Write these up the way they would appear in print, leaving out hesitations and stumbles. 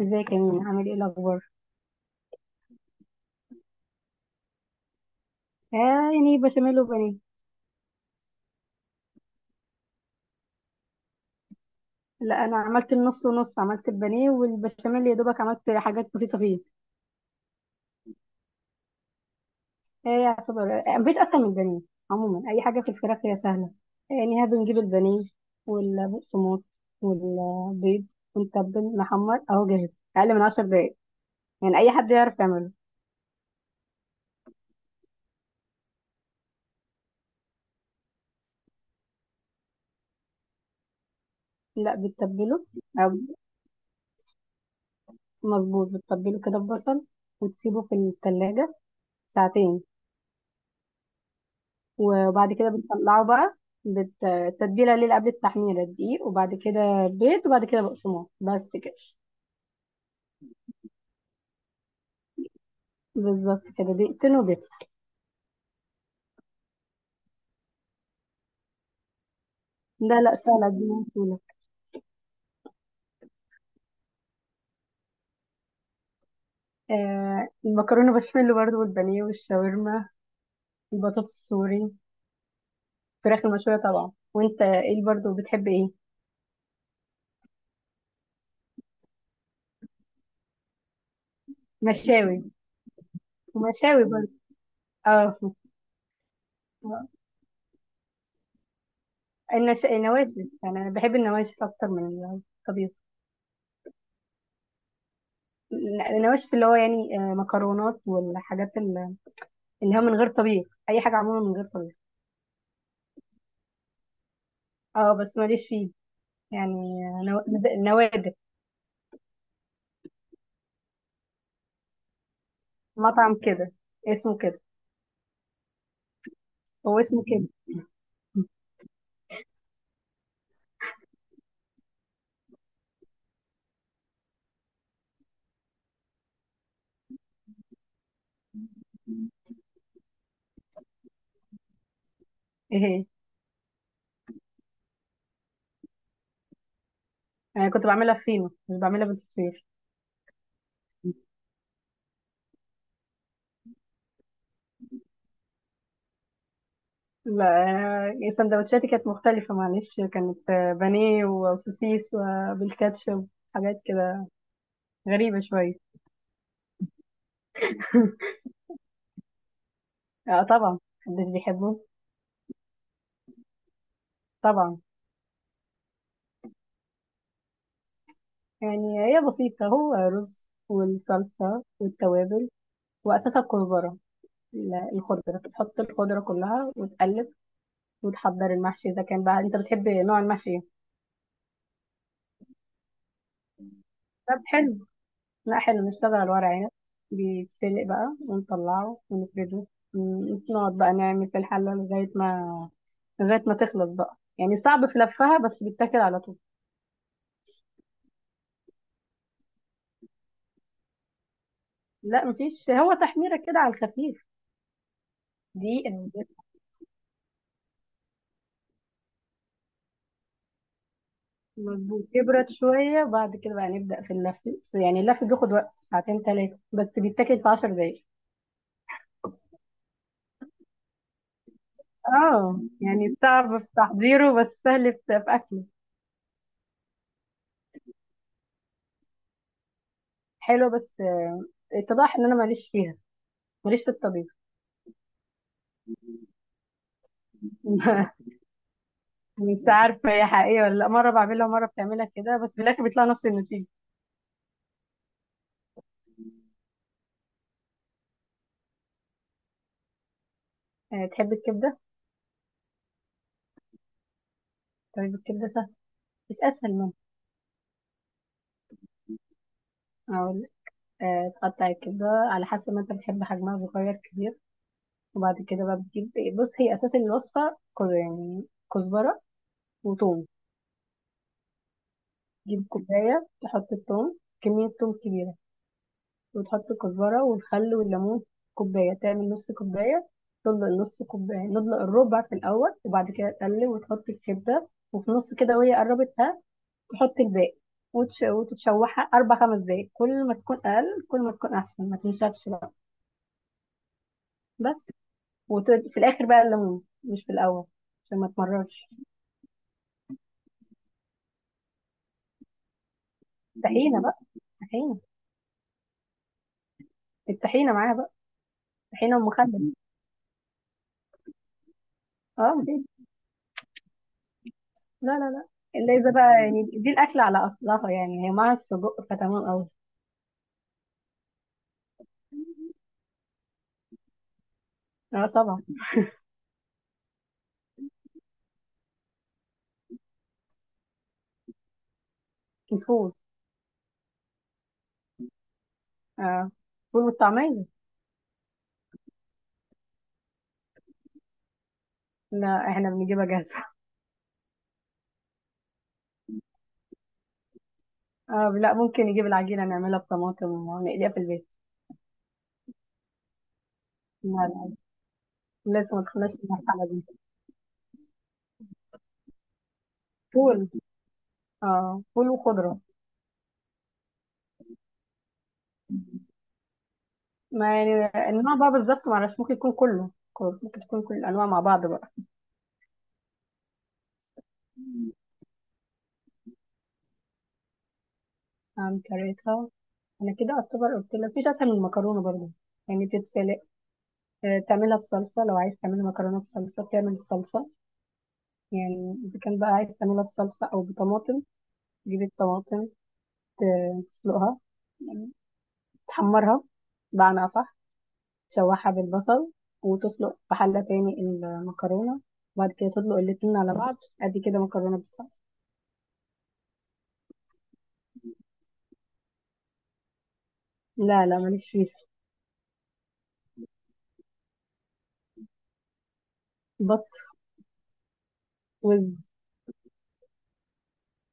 ازيك يا مين؟ عامل ايه الاخبار؟ آه، يعني بشاميل وبانيه. لا، انا عملت النص، ونص عملت البانيه والبشاميل، يا دوبك عملت حاجات بسيطه فيه. آه، يعتبر، مفيش اسهل من البانيه. عموما اي حاجه في الفراخ هي سهله. يعني ها بنجيب البانيه، والبقسماط، والبيض، ونتبل نحمر اهو جاهز، اقل من 10 دقايق. يعني اي حد يعرف يعمله. لا، بتتبله. آه، مظبوط، بتتبله كده ببصل، وتسيبه في التلاجة ساعتين. وبعد كده بنطلعه بقى، التتبيلة الليلة قبل التحميرة دقيق، وبعد كده بيض، وبعد كده بقسماط، بس كده. بالظبط كده، دقيقتين وبيطلع. لا لا، سهلة، دي موصولة. آه، المكرونة بشاميل برضو، والبانيه، والشاورما، البطاطس السوري، الفراخ المشوية طبعا. وانت ايه برضو؟ بتحب ايه؟ مشاوي، ومشاوي برضو. اه. النواشف، يعني انا بحب النواشف اكتر من الطبيخ. النواشف، اللي هو يعني، مكرونات والحاجات، اللي هو من غير طبيخ، اي حاجه عموما من غير طبيخ. اه بس ماليش فيه، يعني، نو- نوادر. مطعم كده اسمه كده. هو اسمه كده. ايه هي؟ انا كنت بعملها فينو، مش بعملها بالفطير. لا، سندوتشاتي كانت مختلفه معلش، كانت بانيه وسوسيس وبالكاتشب، حاجات كده، غريبه شويه. اه طبعا. محدش بيحبه. طبعا. يعني هي بسيطة، هو رز والصلصة والتوابل، وأساسها الكزبرة. الخضرة، تحط الخضرة كلها وتقلب، وتحضر المحشي. إذا كان بقى أنت بتحب نوع المحشي إيه؟ طب حلو، لا حلو، نشتغل على الورق عنب. بيتسلق بقى، ونطلعه، ونفرده، نقعد بقى نعمل في الحلة لغاية ما، لغاية ما تخلص بقى. يعني صعب في لفها، بس بيتاكل على طول. لا مفيش، هو تحميرة كده على الخفيف. دقيقة. مظبوط، يبرد شوية وبعد كده بقى نبدأ في اللف. يعني اللف بياخد وقت ساعتين تلاتة، بس بيتاكل في 10 دقايق. اه يعني صعب في تحضيره، بس سهل في اكله. حلو، بس اتضح ان انا ماليش فيها، ماليش في الطبيخ. مش عارفه هي حقيقيه ولا لا، مره بعملها ومره بتعملها كده، بس في الاخر بيطلع نفس النتيجه. آه، تحب الكبده؟ طيب، الكبده سهل، مش اسهل منها. اقول، تقطع الكبده على حسب ما انت بتحب حجمها، صغير كبير. وبعد كده بقى بتجيب، بص هي اساس الوصفه، يعني كزبره وتوم. تجيب كوبايه، تحط التوم، كميه توم كبيره، وتحط الكزبرة والخل والليمون في كوباية، تعمل نص كوباية، تدلق نص كوباية، ندلق الربع في الأول، وبعد كده تقلب وتحط الكبدة، وفي نص كده وهي قربت ها، تحط الباقي. وتتشوحها 4-5 دقايق، كل ما تكون أقل كل ما تكون أحسن، ما تنشفش بقى. بس. وفي الآخر بقى الليمون، مش في الأول، عشان ما تمررش. طحينة بقى، طحينة. الطحينة معاها بقى، طحينة ومخلل. اه مفيش. لا لا لا. اللي إذا بقى يعني دي الأكلة على أصلها، يعني هي مع السجق فتمام أوي. اه طبعا. الفول. اه، الفول والطعمية. لا، احنا بنجيبها جاهزة. اه لا، ممكن نجيب العجينة، نعملها بطماطم، ونقليها في البيت. لا. لا، لسه ما دخلناش المرحلة دي. فول، اه فول وخضرة. ما يعني النوع بقى بالظبط معرفش، ممكن يكون كله كله، ممكن تكون كل الأنواع مع بعض بقى. قام كريتها. انا كده اعتبر قلت لك مفيش اسهل من المكرونه برضه. يعني بتتسلق، تعملها بصلصه. لو عايز تعمل مكرونه بصلصه، بتعمل الصلصه، يعني اذا كان بقى عايز تعملها بصلصه او بطماطم، تجيب الطماطم، تسلقها، يعني تحمرها بمعنى أصح، تشوحها بالبصل، وتسلق في حلة تاني المكرونة، وبعد كده تطلق الاتنين على بعض. أدي كده مكرونة بالصلصة. لا لا، ماليش فيه. بط، وز،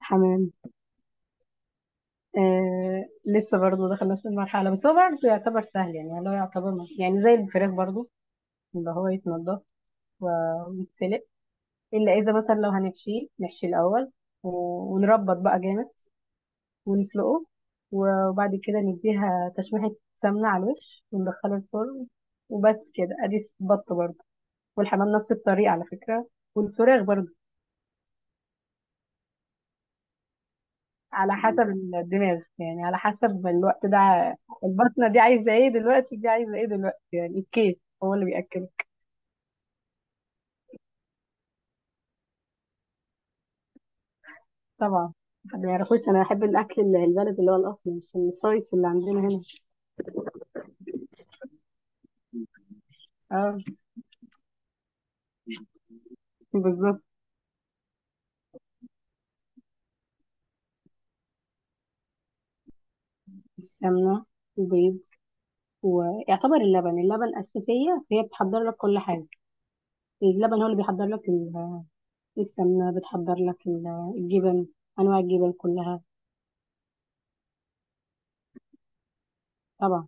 حمام. آه، لسه برضه دخلناش في المرحلة، بس هو برضه يعتبر سهل، يعني اللي هو يعتبر، يعني زي الفراخ برضه، اللي هو يتنضف و- ويتسلق، إلا إذا مثلا لو هنحشيه، نحشي الأول، ونربط بقى جامد، ونسلقه، وبعد كده نديها تشويحة سمنة على الوش، وندخله الفرن، وبس كده، ادي بط برضه. والحمام نفس الطريقة على فكرة، والفراخ برضه. على حسب الدماغ، يعني على حسب الوقت ده، البطنة دي عايزة ايه دلوقتي، دي عايزة ايه دلوقتي، يعني الكيف هو اللي بيأكله. طبعا، ما يعرفوش، انا بحب الاكل البلد، اللي هو الاصلي، مش الصيص اللي عندنا هنا. اه، بالظبط. السمنه، وبيض، ويعتبر اللبن، اللبن اساسيه، فهي بتحضر لك كل حاجه. اللبن هو اللي بيحضر لك السمنة، بتحضر لك الجبن، أنواع الجبن كلها. طبعا.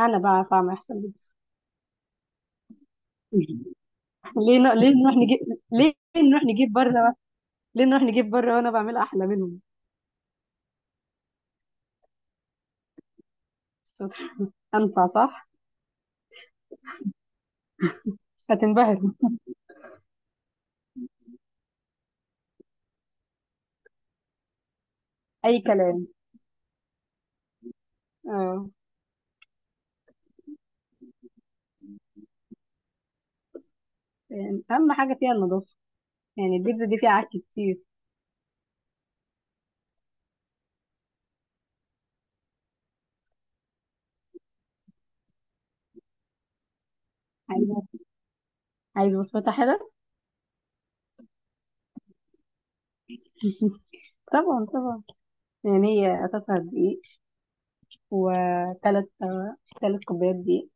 أنا بعرف أعمل أحسن بيتزا. ليه نروح نجيب، ليه نروح نجيب بره، ليه نروح نجيب بره وأنا بعمل أحلى منهم. أنفع صح؟ هتنبهر. أي كلام. اه. يعني أهم حاجة فيها النظافة، يعني البيتزا دي فيها عك كتير. عايز، عايز بسمتها حلوة. طبعا طبعا. يعني هي أساسها دقيق، وثلاث كوبايات دقيق،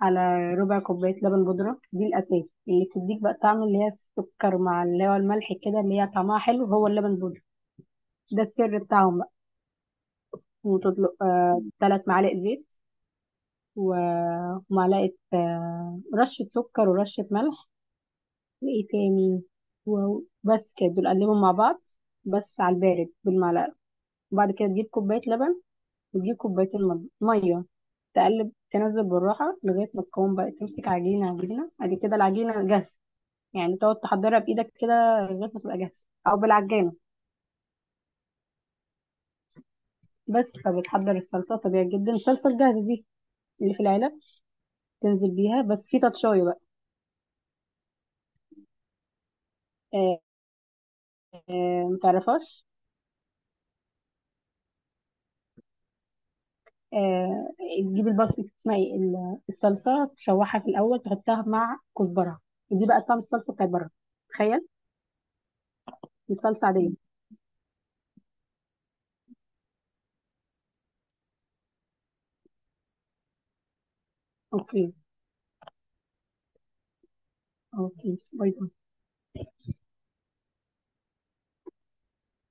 على ربع كوباية لبن بودرة. دي الأساس اللي بتديك بقى طعم، اللي هي السكر مع اللي هو الملح كده، اللي هي طعمها حلو هو اللبن بودرة، ده السر بتاعهم بقى. وتطلق 3 معالق زيت و- ومعلقة، رشة سكر ورشة ملح، وإيه تاني، وبس كده. دول قلبهم مع بعض، بس على البارد بالمعلقة، وبعد كده تجيب كوباية لبن، وتجيب كوبايتين مية. تقلب، تنزل بالراحة، لغاية ما تكون بقى تمسك عجينة، عجينة، ادي كده العجينة جاهزة. يعني تقعد تحضرها بايدك كده لغايه ما تبقى جاهزه، او بالعجانه. بس فبتحضر الصلصه طبيعي جدا، الصلصه الجاهزه دي اللي في العلب، تنزل بيها، بس في تاتشاي بقى. آه. متعرفاش؟ آه، تجيب البصل اسمها ايه الصلصه، تشوحها في الاول، تحطها مع كزبره. دي بقى طعم الصلصه بتاعت بره، تخيل. دي صلصه عاديه. اوكي. اوكي، باي باي.